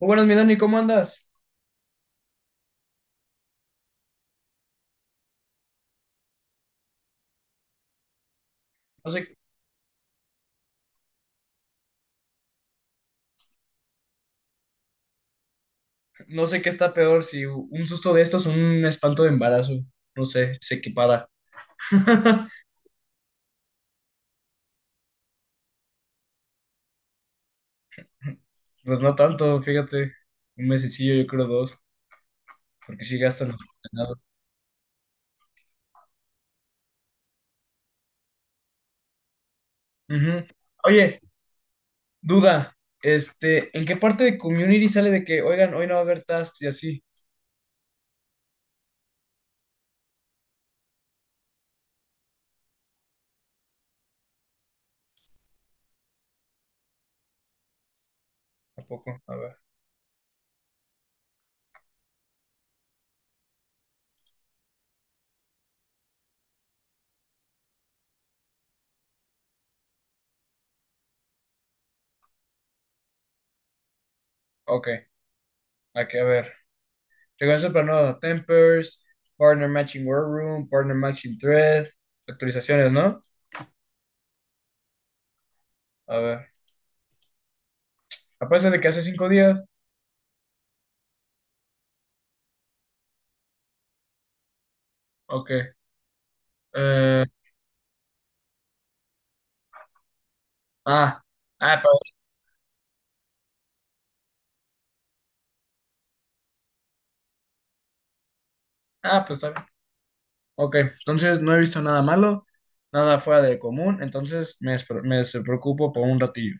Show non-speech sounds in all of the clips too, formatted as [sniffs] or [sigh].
Muy buenas, mi Dani, ¿cómo andas? No sé, no sé qué está peor, si un susto de estos o un espanto de embarazo. No sé, se equipara. [laughs] Pues no tanto, fíjate. Un mesecillo, yo creo dos, porque sí gastan los condenados. Ujú. Oye, duda, ¿en qué parte de Community sale de que, oigan, hoy no va a haber tasks y así? Tampoco, a ver. Ok, aquí, a ver. Regreso para nuevo. Tempers, Partner Matching War Room, Partner Matching Thread, actualizaciones, ¿no? A ver. A pesar de que hace 5 días. Ok. Eh, ah, ah, pa- pues está bien. Ok, entonces no he visto nada malo, nada fuera de común, entonces me preocupo por un ratillo.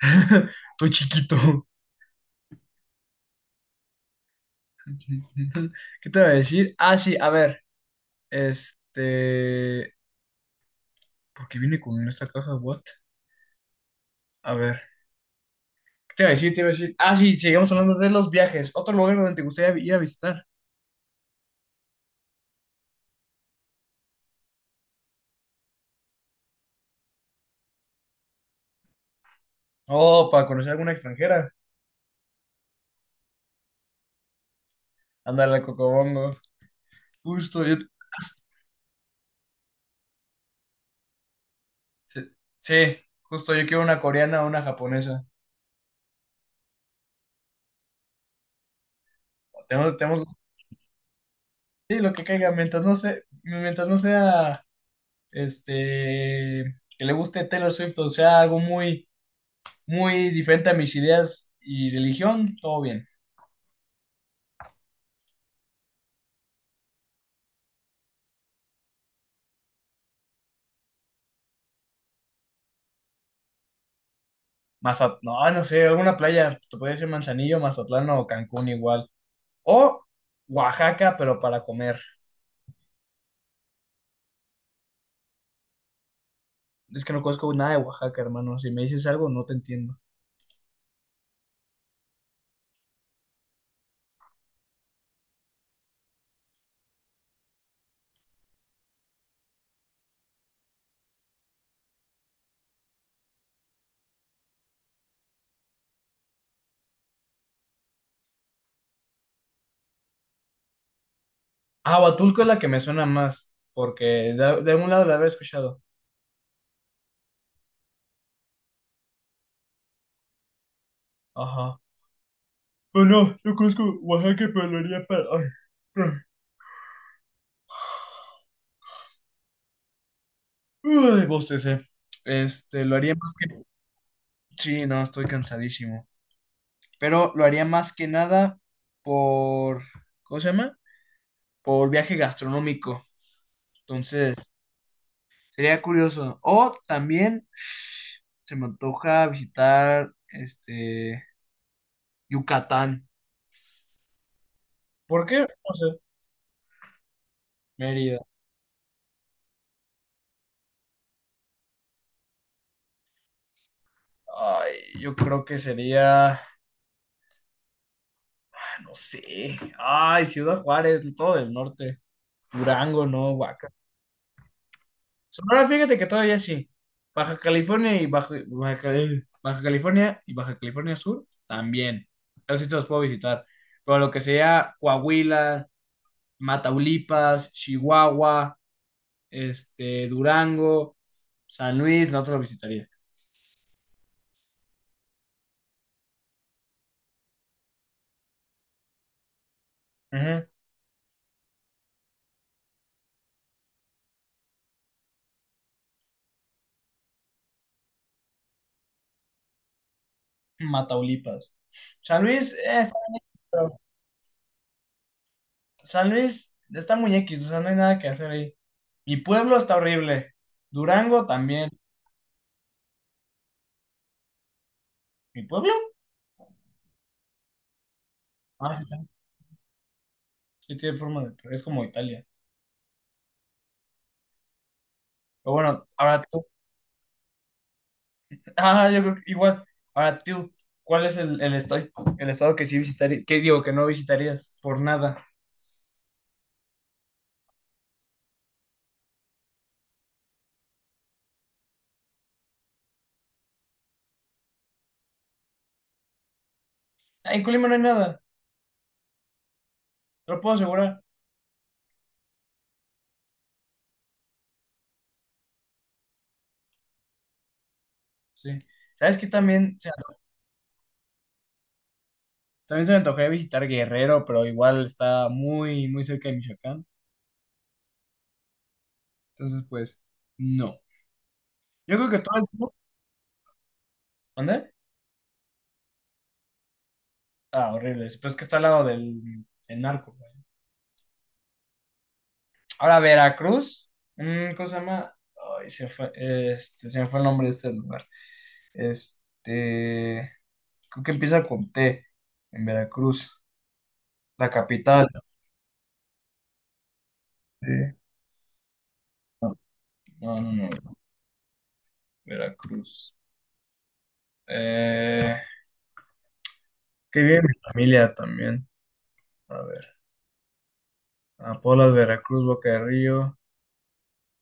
[laughs] Estoy chiquito. [laughs] ¿Qué te voy a decir? Ah, sí, a ver. Este. ¿Por qué viene con esta caja? ¿What? A ver. ¿Qué te iba a decir? Te iba a decir. Ah, sí, sigamos hablando de los viajes. Otro lugar donde te gustaría ir a visitar. Oh, para conocer a alguna extranjera. Ándale, Cocobongo. Justo, yo. Sí, sí, justo yo quiero una coreana o una japonesa. Tenemos, sí, lo que caiga, mientras no sea, mientras no sea, este, que le guste Taylor Swift o sea algo muy, muy diferente a mis ideas y religión, todo bien. Mazat, no, no sé, alguna playa, te podría decir Manzanillo, Mazatlán o Cancún igual. O Oaxaca, pero para comer. Es que no conozco nada de Oaxaca, hermano. Si me dices algo, no te entiendo. Ah, Huatulco es la que me suena más, porque de algún lado la habré escuchado. Ajá. Bueno, yo conozco Oaxaca, pero lo haría para. Ay, ay. Uy, bostecé. Lo haría más que. Sí, no, estoy cansadísimo. Pero lo haría más que nada por. ¿Cómo se llama? Por viaje gastronómico. Entonces, sería curioso. O también [sniffs] se me antoja visitar, Yucatán. ¿Por qué? No sé. Mérida. Ay, yo creo que sería. No sé. Ay, Ciudad Juárez, todo del norte. Durango, no, Huaca. Sonora, fíjate que todavía sí. Baja California y Baja California y Baja California Sur también. Esos sí te los puedo visitar. Pero lo que sea Coahuila, Mataulipas, Chihuahua, Durango, San Luis, no te lo visitaría. Ujú. Mataulipas. San Luis, está bien, San Luis está muy X, o sea, no hay nada que hacer ahí. Mi pueblo está horrible. Durango también. ¿Mi pueblo? Ah, sí, sí. Sí tiene forma de. Es como Italia. Pero bueno, ahora tú. [laughs] Ah, yo creo que igual. Ahora tú. ¿Cuál es el estado que sí visitarías? ¿Qué digo? Que no visitarías por nada. Ah, en Colima no hay nada. Te lo puedo asegurar. Sí. ¿Sabes qué? También se me antojaría visitar Guerrero, pero igual está muy, muy cerca de Michoacán. Entonces, pues, no. Yo creo que todo el sur. ¿Dónde? Ah, horribles. Pero es que está al lado del narco, güey. Ahora, Veracruz. ¿Cómo se llama? Ay, se me fue, se me fue el nombre de este lugar. Este. Creo que empieza con T. En Veracruz. La capital. Eh, no, no, no, no, Veracruz. Eh, que vive mi familia también. A ver. Apolas, Veracruz, Boca de Río.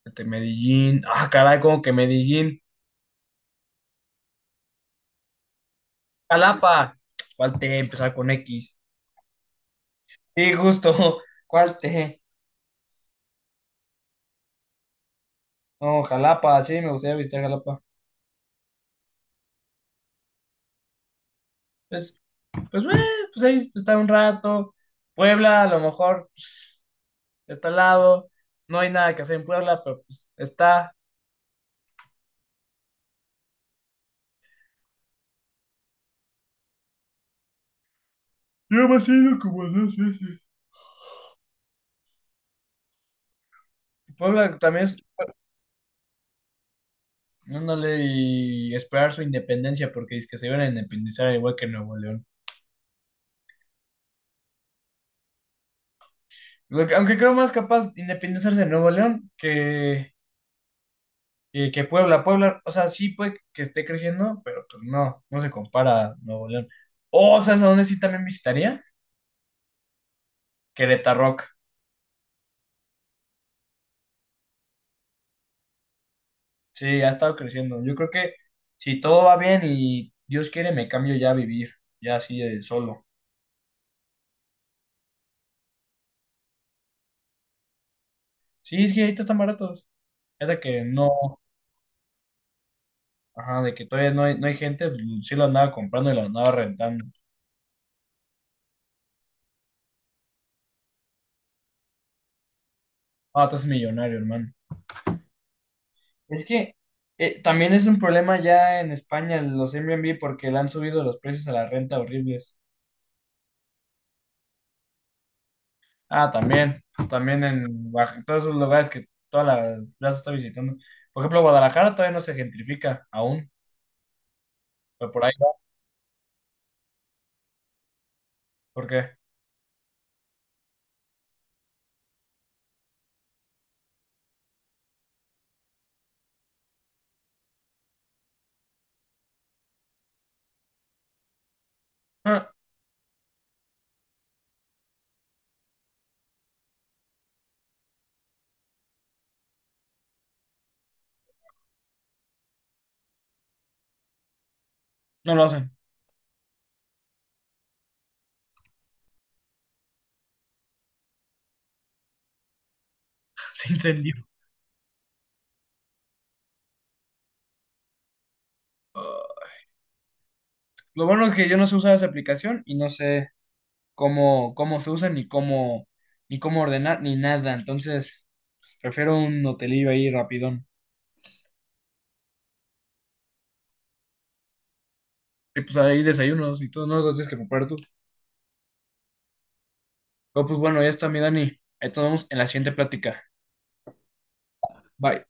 Medellín. Ah, caray, como que Medellín. Jalapa. Falté empezar con X. Sí, justo. [laughs] ¿Cuál te? No, Jalapa, sí, me gustaría visitar Jalapa. Pues, pues, eh, pues ahí estar un rato. Puebla, a lo mejor pues, está al lado. No hay nada que hacer en Puebla, pero pues está. Yo me he ido como dos veces. Puebla también es. No y esperar su independencia porque es que se iban a independizar igual que Nuevo León. Aunque creo más capaz de independizarse de Nuevo León que. Y que Puebla, o sea, sí puede que esté creciendo, pero pues no, no se compara a Nuevo León. O, ¿sabes a dónde sí también visitaría? Querétaro. Sí, ha estado creciendo. Yo creo que si todo va bien y Dios quiere, me cambio ya a vivir, ya así de solo. Sí, es que ahorita están baratos. Es de que no, ajá, de que todavía no hay gente, pues, sí lo andaba comprando y lo andaba rentando. Ah, tú eres millonario, hermano. Es que también es un problema ya en España los Airbnb porque le han subido los precios a la renta horribles. Ah, también en Oaxaca, todos esos lugares que toda la plaza está visitando. Por ejemplo, Guadalajara todavía no se gentrifica aún, pero por ahí va, porque ah, no lo hacen, [laughs] se incendió. Ah, lo bueno es que yo no sé usar esa aplicación y no sé cómo se usa, ni cómo ordenar, ni nada. Entonces, pues, prefiero un hotelillo ahí rapidón. Y pues ahí desayunos y todo, no lo tienes que preparar tú. Pero pues bueno, ya está mi Dani. Ahí te vemos en la siguiente plática. Bye.